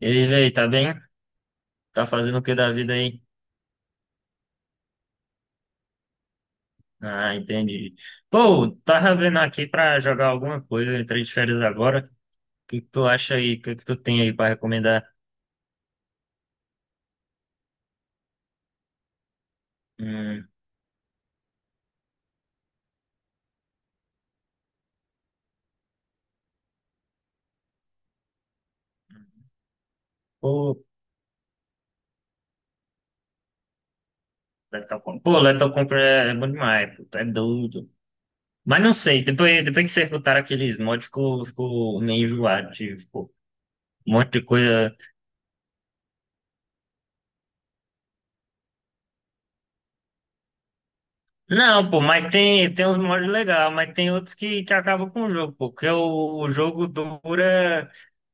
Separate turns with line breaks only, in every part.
E aí, véi, tá bem? Tá fazendo o que da vida aí? Ah, entendi. Pô, tava vendo aqui pra jogar alguma coisa, eu entrei de férias agora. O que que tu acha aí? O que que tu tem aí pra recomendar? Hum, Pô, Lethal Company. Pô, Lethal Company é bom demais, pô, tu é doido. Mas não sei, depois que vocês botaram aqueles mods, ficou meio enjoado, tipo, pô, um monte de coisa. Não, pô, mas tem uns mods legais, mas tem outros que acabam com o jogo, pô, porque o jogo dura.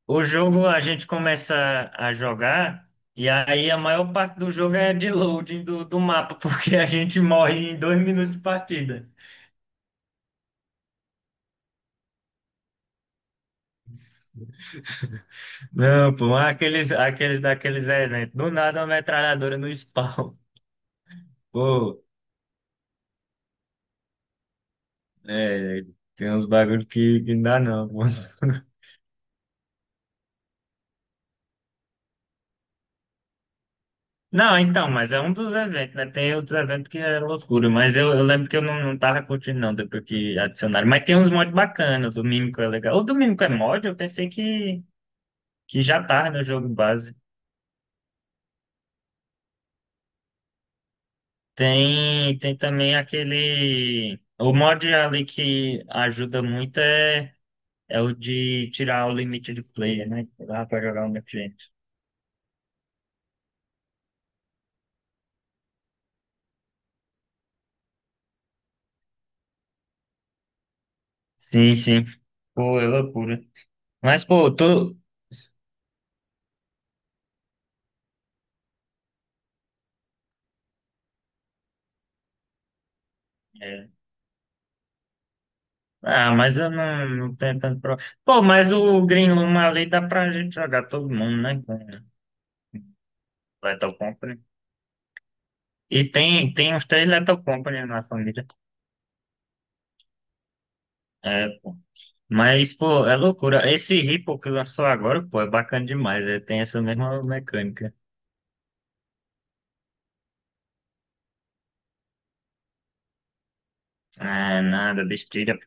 O jogo a gente começa a jogar, e aí a maior parte do jogo é de loading do mapa, porque a gente morre em 2 minutos de partida. Não, pô, aqueles daqueles eventos. Do nada uma metralhadora no spawn. Pô, é, tem uns bagulho que não dá não, pô. Não, então, mas é um dos eventos, né? Tem outros eventos que é loucura, mas eu lembro que eu não tava curtindo, não, depois que adicionaram. Mas tem uns mods bacanas, o do Mímico é legal. O do Mímico é mod? Eu pensei que já tá, né, no jogo base. Tem também aquele. O mod ali que ajuda muito é o de tirar o limite de player, né? Lá pra jogar o meu cliente. Sim, sim. Pô, é loucura. Mas, pô, tu. É. Ah, mas eu não tenho tanto problema. Pô, mas o Green Room ali dá pra gente jogar todo mundo, né? Com Lethal Company. E tem uns três Lethal Company na família. É. Mas, pô, é loucura. Esse Ripple que lançou agora, pô, é bacana demais. Ele tem essa mesma mecânica. Ah, nada, besteira.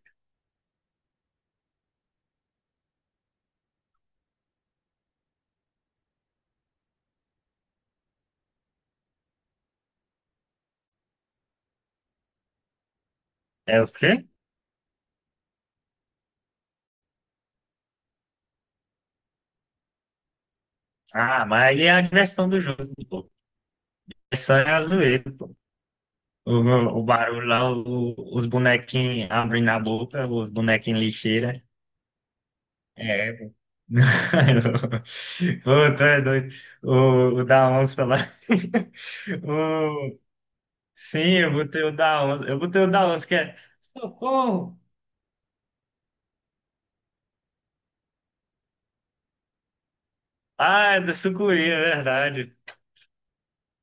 É o quê? Ah, mas aí é a diversão do jogo, pô. É só a zoeira, pô. O, o barulho lá, os bonequinhos abrindo a boca, os bonequinhos lixeira. É, pô. Pô, tu é doido. O da onça lá. O, sim, eu botei o da onça. Eu botei o da onça, que é. Socorro! Ah, é do sucuri, é verdade.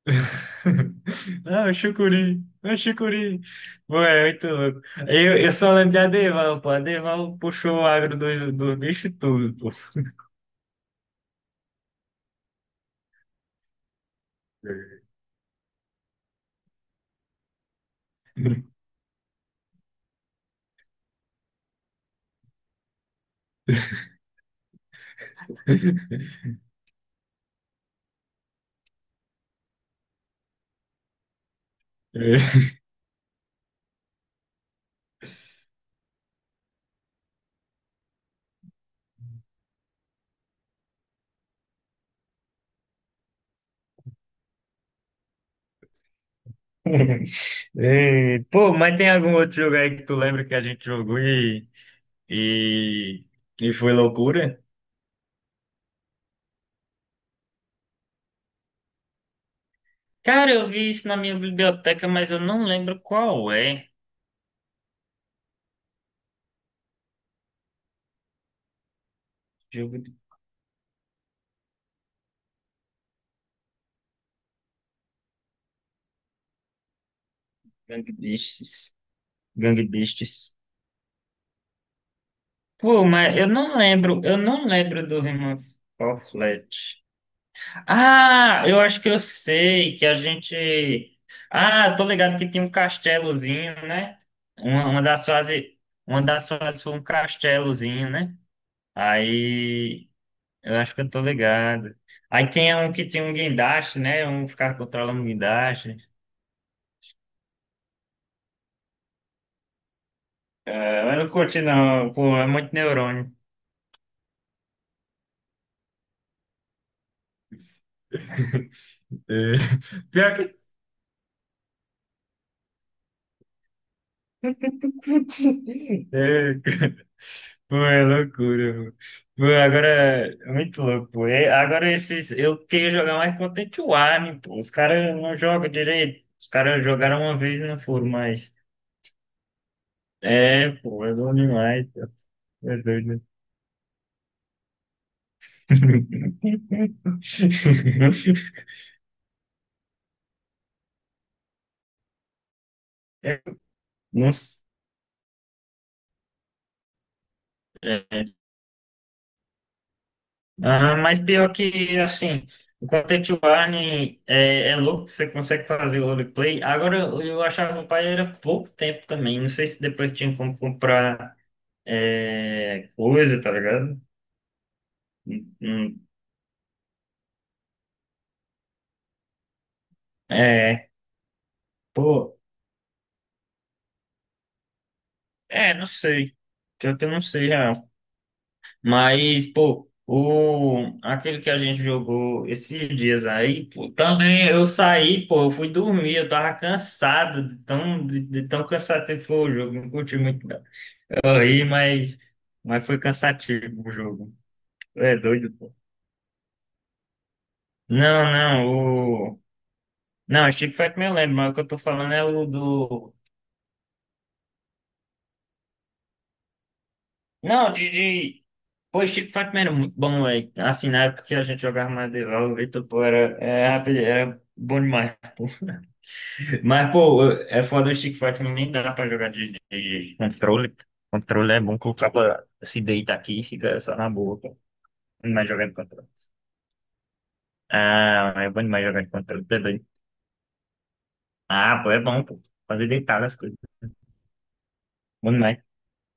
Ah, é chucuri, é chucuri. Ué, é muito louco. Eu só lembro de Adeval, pô. Adeval puxou o agro dos bichos tudo, pô. É. É. Pô, mas tem algum outro jogo aí que tu lembra que a gente jogou e, e foi loucura? Cara, eu vi isso na minha biblioteca, mas eu não lembro qual é. Jogo de Gang Beasts. Gang Beasts. Pô, mas eu não lembro do Human Fall Flat. Ah, eu acho que eu sei que a gente. Ah, tô ligado que tinha um castelozinho, né? Uma, uma das fases, uma das fases foi um castelozinho, né? Aí, eu acho que eu tô ligado. Aí tem um que tinha um guindaste, né? Um ficar controlando o guindaste. Eu não curti, não, pô, é muito neurônio. É, pior que. É. Pô, é loucura, pô. Pô, agora é muito louco, pô. É, agora esses. Eu queria jogar mais Content Warning, pô. Os caras não jogam direito. Os caras jogaram uma vez e não foram mais. É, pô, é bom demais, pô. É doido. Não sei. Ah, mas pior que, assim, o Content Warning é louco, você consegue fazer o roleplay. Agora, eu achava o pai era pouco tempo também. Não sei se depois tinha como comprar. É, coisa, tá ligado? Hum. É, pô, é, não sei. Pior que eu não sei, real. Mas, pô, aquele que a gente jogou esses dias aí, pô, também eu saí, pô, eu fui dormir, eu tava cansado, de tão cansativo que foi o jogo, não curti muito, não. Eu ri, mas foi cansativo o jogo. É doido, pô. Não, não, o. Não, Street Fighter eu lembro, mas o que eu tô falando é o do. Não, de. Pô, Street Fighter Man era muito bom, velho. Assim, na época que a gente jogava mais de LOL, então, pô, era, é, rapaz, era bom demais, pô. Mas, pô, é foda o Street Fighter, nem dá pra jogar de, de controle. Controle é bom que o cara se deita aqui e fica só na boa, pô. Mas jogando controle. Ah, é bom demais jogar de controle também. Ah, pô, é bom, pô. Fazer deitar as coisas. Bom demais.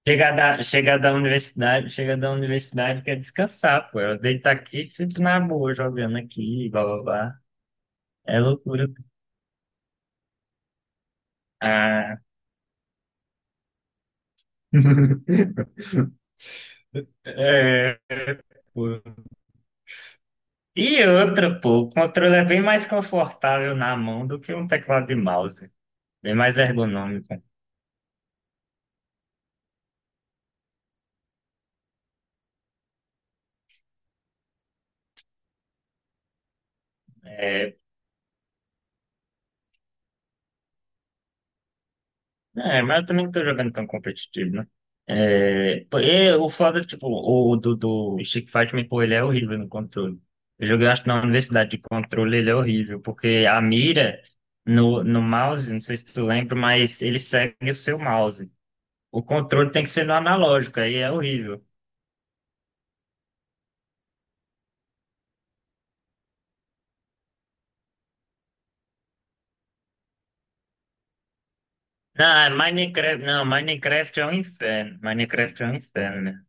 Chegar da universidade quer descansar, pô. Eu deito aqui e fico na boa jogando aqui, blá blá blá. É loucura. Ah, é, pô. E outra, pô, o controle é bem mais confortável na mão do que um teclado de mouse. Bem mais ergonômico. É, é, mas eu também não tô jogando tão competitivo, né? É, pô, e o foda, é que, tipo, o do Street Fighter, pô, ele é horrível no controle. Eu joguei, acho que na universidade de controle ele é horrível, porque a mira no mouse, não sei se tu lembra, mas ele segue o seu mouse. O controle tem que ser no analógico, aí é horrível. Não, é Minecraft, não, Minecraft é um inferno. Minecraft é um inferno, né?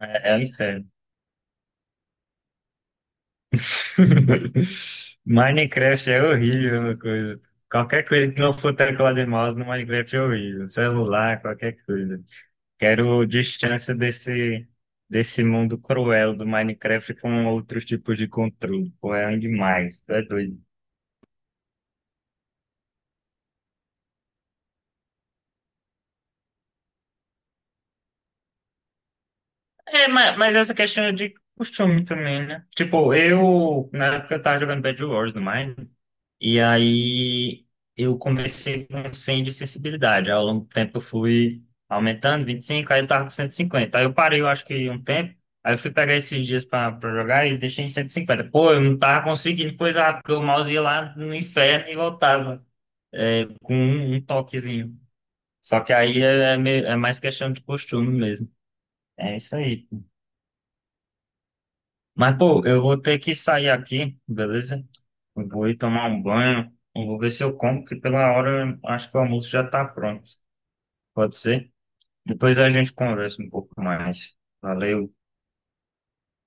É, é um inferno. Minecraft é horrível uma coisa. Qualquer coisa que não for teclado e mouse no Minecraft é horrível. Celular, qualquer coisa. Quero distância desse mundo cruel do Minecraft com outros tipos de controle. Pô, é demais, tu é doido. É, mas essa questão é de costume também, né? Tipo, eu, na época eu tava jogando Bed Wars no Mine, e aí eu comecei com 100 de sensibilidade. Ao longo do tempo eu fui aumentando, 25, aí eu tava com 150. Aí eu parei, eu acho que um tempo. Aí eu fui pegar esses dias pra, jogar e deixei em 150. Pô, eu não tava conseguindo coisar, porque o mouse ia lá no inferno e voltava é, com um toquezinho. Só que aí é mais questão de costume mesmo. É isso aí. Mas, pô, eu vou ter que sair aqui, beleza? Eu vou ir tomar um banho. Eu vou ver se eu como, que pela hora eu acho que o almoço já tá pronto. Pode ser? Depois a gente conversa um pouco mais. Valeu.